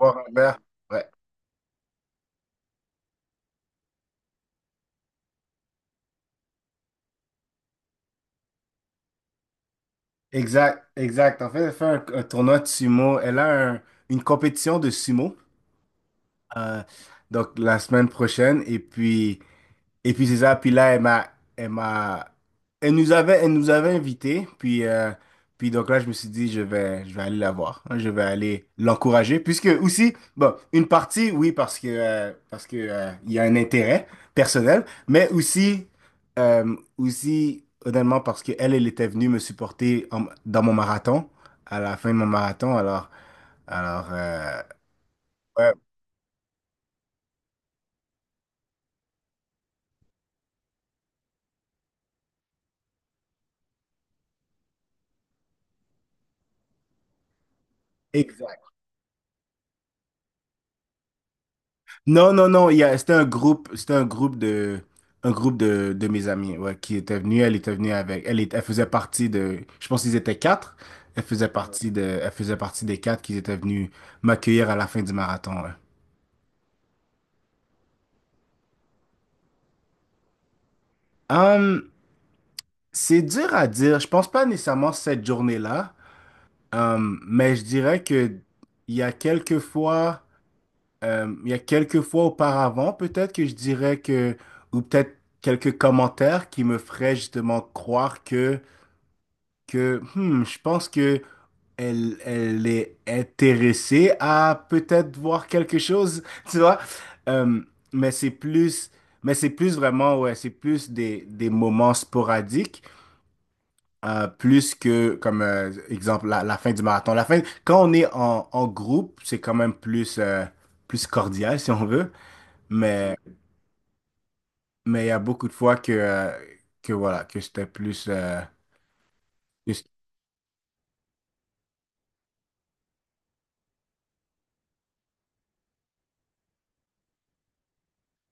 Voir un verre. Ouais. Exact, exact. En fait, elle fait un tournoi de sumo. Elle a une compétition de sumo euh, donc la semaine prochaine. Et puis. Et puis c'est ça, puis là, elle m'a, elle m'a, elle nous avait invités, puis donc là, je me suis dit, je vais aller la voir, hein, je vais aller l'encourager, puisque aussi, bon, une partie, oui, parce que, il y a un intérêt personnel, mais aussi, aussi, honnêtement, parce que elle était venue me supporter dans mon marathon, à la fin de mon marathon. Alors, euh, ouais, exact. Non, non, non, il y a, c'était un groupe, de mes amis, ouais, qui était venu, elle était venue avec. Elle faisait partie de, je pense qu'ils étaient quatre, elle faisait partie des quatre qui étaient venus m'accueillir à la fin du marathon, ouais. Hum, c'est dur à dire, je pense pas nécessairement cette journée-là, mais je dirais que il y a quelques fois, il y a quelques fois auparavant, peut-être que je dirais que, ou peut-être quelques commentaires qui me feraient justement croire que je pense que elle est intéressée à peut-être voir quelque chose, tu vois. Euh, mais mais c'est plus vraiment, ouais, c'est plus des, moments sporadiques, plus que, comme exemple, la fin du marathon. La fin, quand on est en, groupe, c'est quand même plus, plus cordial, si on veut. Mais, il y a beaucoup de fois que voilà, que c'était plus, que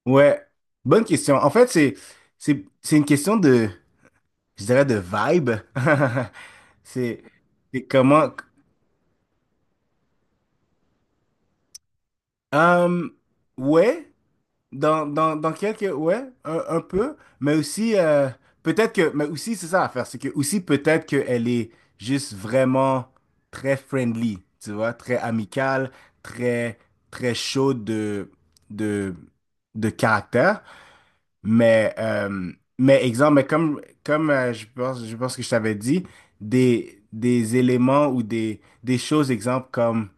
Ouais, bonne question. En fait, c'est une question de, je dirais, de vibe. C'est comment. Hum, ouais, dans, dans quelques. Ouais, un peu. Mais aussi, peut-être que. Mais aussi, c'est ça à faire. C'est que aussi, peut-être qu'elle est juste vraiment très friendly, tu vois, très amicale, très, très chaude de, de, caractère. Mais, euh, mais exemple, mais comme, je pense, que je t'avais dit, des, éléments ou des, choses, exemple, comme,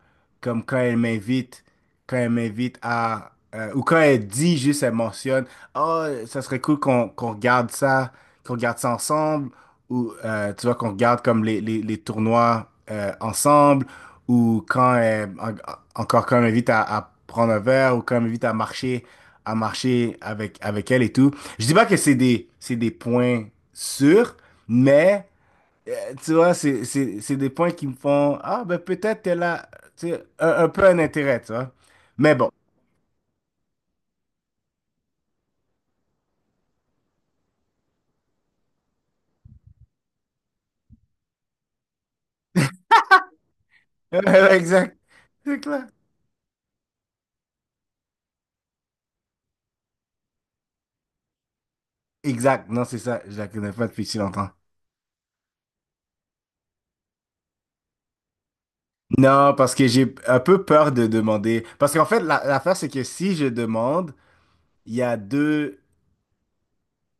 comme quand elle m'invite, quand elle m'invite à, ou quand elle dit, juste, elle mentionne, oh, ça serait cool qu'on regarde ça ensemble ou tu vois qu'on regarde comme les, tournois ensemble ou quand encore quand elle m'invite à, prendre un verre ou quand elle m'invite à marcher à marcher avec elle et tout. Je dis pas que c'est des points sûrs, mais euh, tu vois c'est des points qui me font ah ben peut-être qu'elle a tu sais, un peu un intérêt, tu vois. Mais bon. Exact. C'est clair. Exact. Non, c'est ça. Je la connais pas depuis si longtemps. Non, parce que j'ai un peu peur de demander. Parce qu'en fait, l'affaire, c'est que si je demande, il y a deux,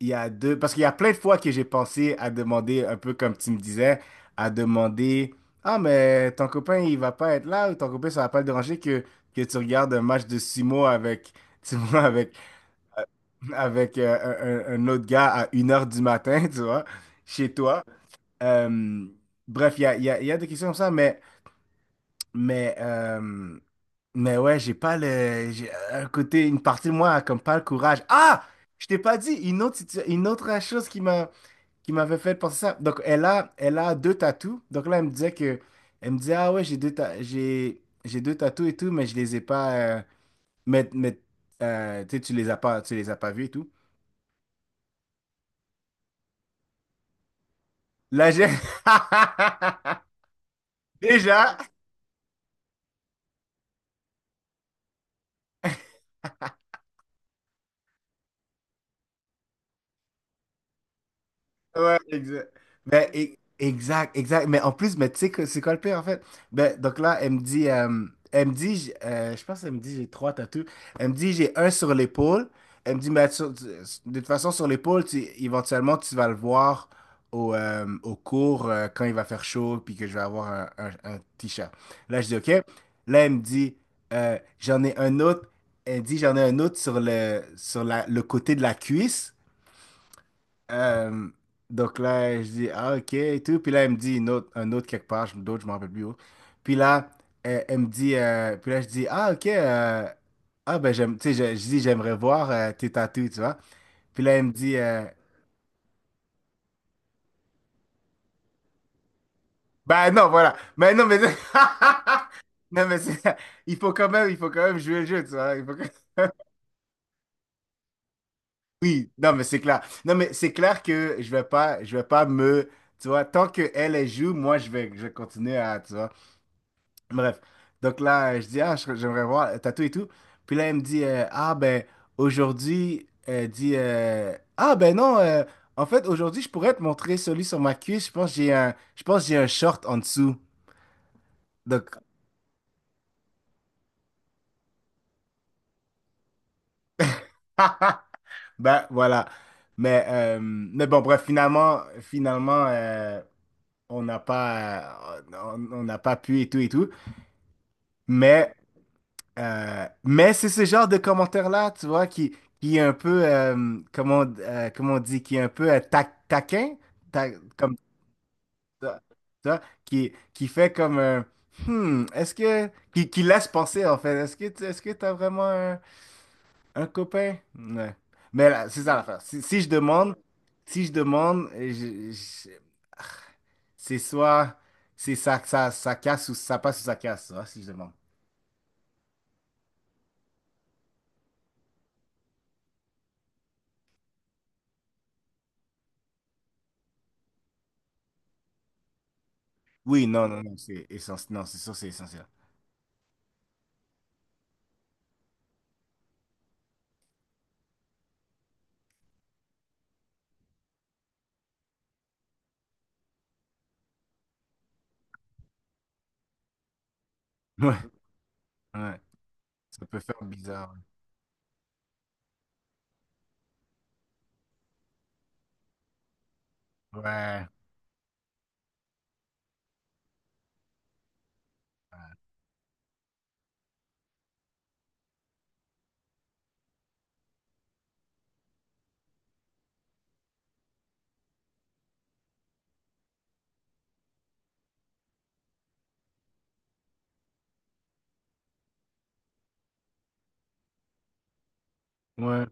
il y a deux, parce qu'il y a plein de fois que j'ai pensé à demander, un peu comme tu me disais, à demander, ah, mais ton copain, il va pas être là, ou ton copain, ça va pas le déranger que, tu regardes un match de sumo avec, tu vois, avec, avec un autre gars à 1h du matin, tu vois, chez toi. Euh, bref, il y a des questions comme ça, mais. Mais, euh, mais ouais, j'ai pas le. Un côté, une partie de moi a comme pas le courage. Ah! Je t'ai pas dit, une autre chose qui m'avait fait penser ça. Donc, elle a, deux tatous. Donc là, elle me disait que. Elle me disait, ah ouais, j'ai deux tatous et tout, mais je les ai pas. Mais tu sais, tu les as pas vus et tout. Là, j'ai. Déjà. Ouais, exact. Ben, exact, exact. Mais en plus, mais tu sais que c'est quoi le pire en fait? Ben, donc là, elle me dit, je pense qu'elle me dit j'ai trois tatous. Elle me dit j'ai un sur l'épaule. Elle me dit, de toute façon, sur l'épaule, éventuellement, tu vas le voir au au cours quand il va faire chaud, puis que je vais avoir un t-shirt. Là, je dis OK. Là, elle me dit, j'en ai un autre. Elle dit, j'en ai un autre sur le, le côté de la cuisse. Euh, donc là, je dis, ah, ok, et tout. Puis là, elle me dit une autre, un autre quelque part, d'autres, je m'en rappelle plus où. Puis là, elle me dit, puis là, je dis, ah, ok, ah, ben, j'aime, tu sais, je dis, j'aimerais voir tes tatous, tu vois. Puis là, elle me dit, ben non, voilà. Mais non, mais. Non, mais c'est- il faut quand même jouer le jeu, tu vois. Oui, non, mais c'est clair. Non, mais c'est clair que je vais pas me. Tu vois, tant que elle joue, moi, je vais continuer à. Tu vois. Bref. Donc là, je dis, ah, j'aimerais voir le tatou et tout. Puis là, elle me dit, ah, ben, aujourd'hui, elle dit, ah, ben non, en fait, aujourd'hui, je pourrais te montrer celui sur ma cuisse. Je pense que j'ai un short en dessous. Donc, ben voilà. Mais bon, bref, finalement, on n'a pas, on n'a pas pu et tout et tout. Mais mais c'est ce genre de commentaire-là, tu vois, qui, est un peu, comment, comment on dit, qui est un peu taquin, ta- comme ça, tu vois, qui, fait comme un, est-ce que, qui, laisse penser, en fait, est-ce que, est-ce que t'as vraiment un copain? Ouais. Mais là, c'est ça l'affaire. Si je demande, si je demande, je- je- c'est soit, ça casse ou ça passe ou ça casse, tu vois, si je demande. Oui, non, non, non, c'est essentiel. Non, c'est sûr, c'est essentiel. Ouais. Ouais, ça peut faire bizarre. Ouais, ouais,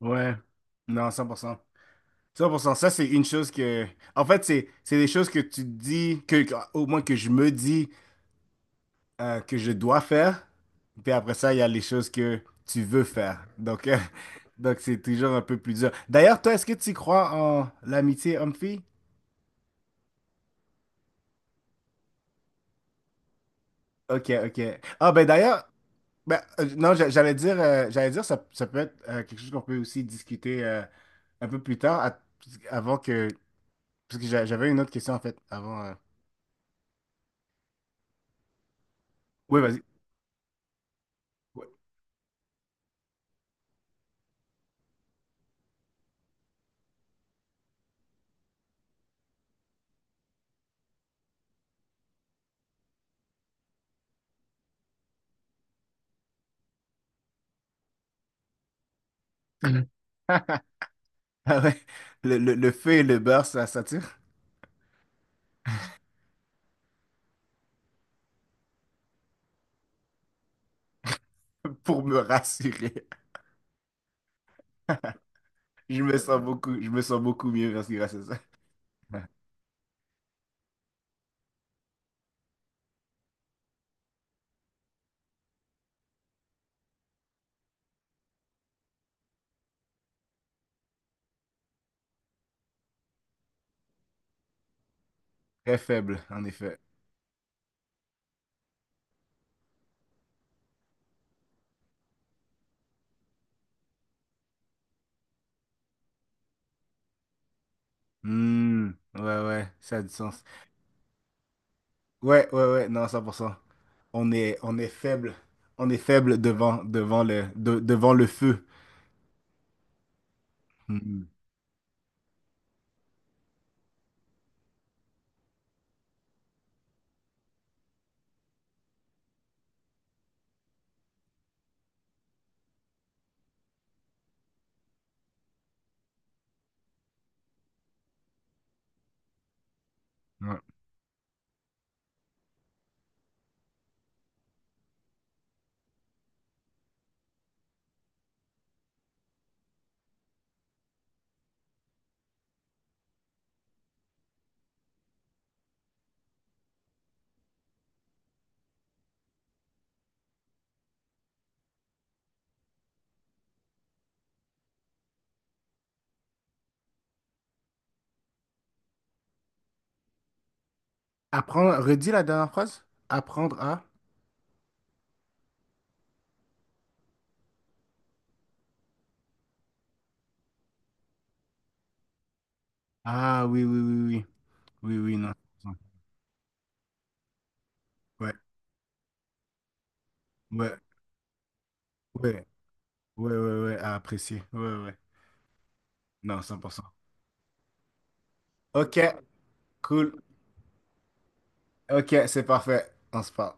ouais. Non, 100% cent pour cent ça, c'est une chose que... En fait, c'est des choses que tu te dis, que, au moins que je me dis que je dois faire. Puis après ça, il y a les choses que tu veux faire. Donc, donc c'est toujours un peu plus dur. D'ailleurs, toi, est-ce que tu crois en l'amitié homme-fille? Ok, ok. Ah ben d'ailleurs, ben, non, j'allais dire ça peut être quelque chose qu'on peut aussi discuter un peu plus tard, avant que Parce que j'avais une autre question en fait avant. Oui, vas-y. Ouais. Ah ouais, le feu et le beurre, ça s'attire pour me rassurer. Je me sens beaucoup mieux parce que grâce à ça. Très faible, en effet. Hmm, ouais, ouais, ça a du sens. Ouais, ouais, ouais, non, 100% on est faible. On est faible devant le feu. Hmm, ouais. Apprendre, redis la dernière phrase. Apprendre à. Ah oui, oui, oui, oui. Oui, oui, non. 100%. Ouais, ouais, ouais, ouais, ouais, à apprécier. Ouais, ouais. ouais. Non, cent pour cent. Ok, cool. Ok, c'est parfait. On se parle.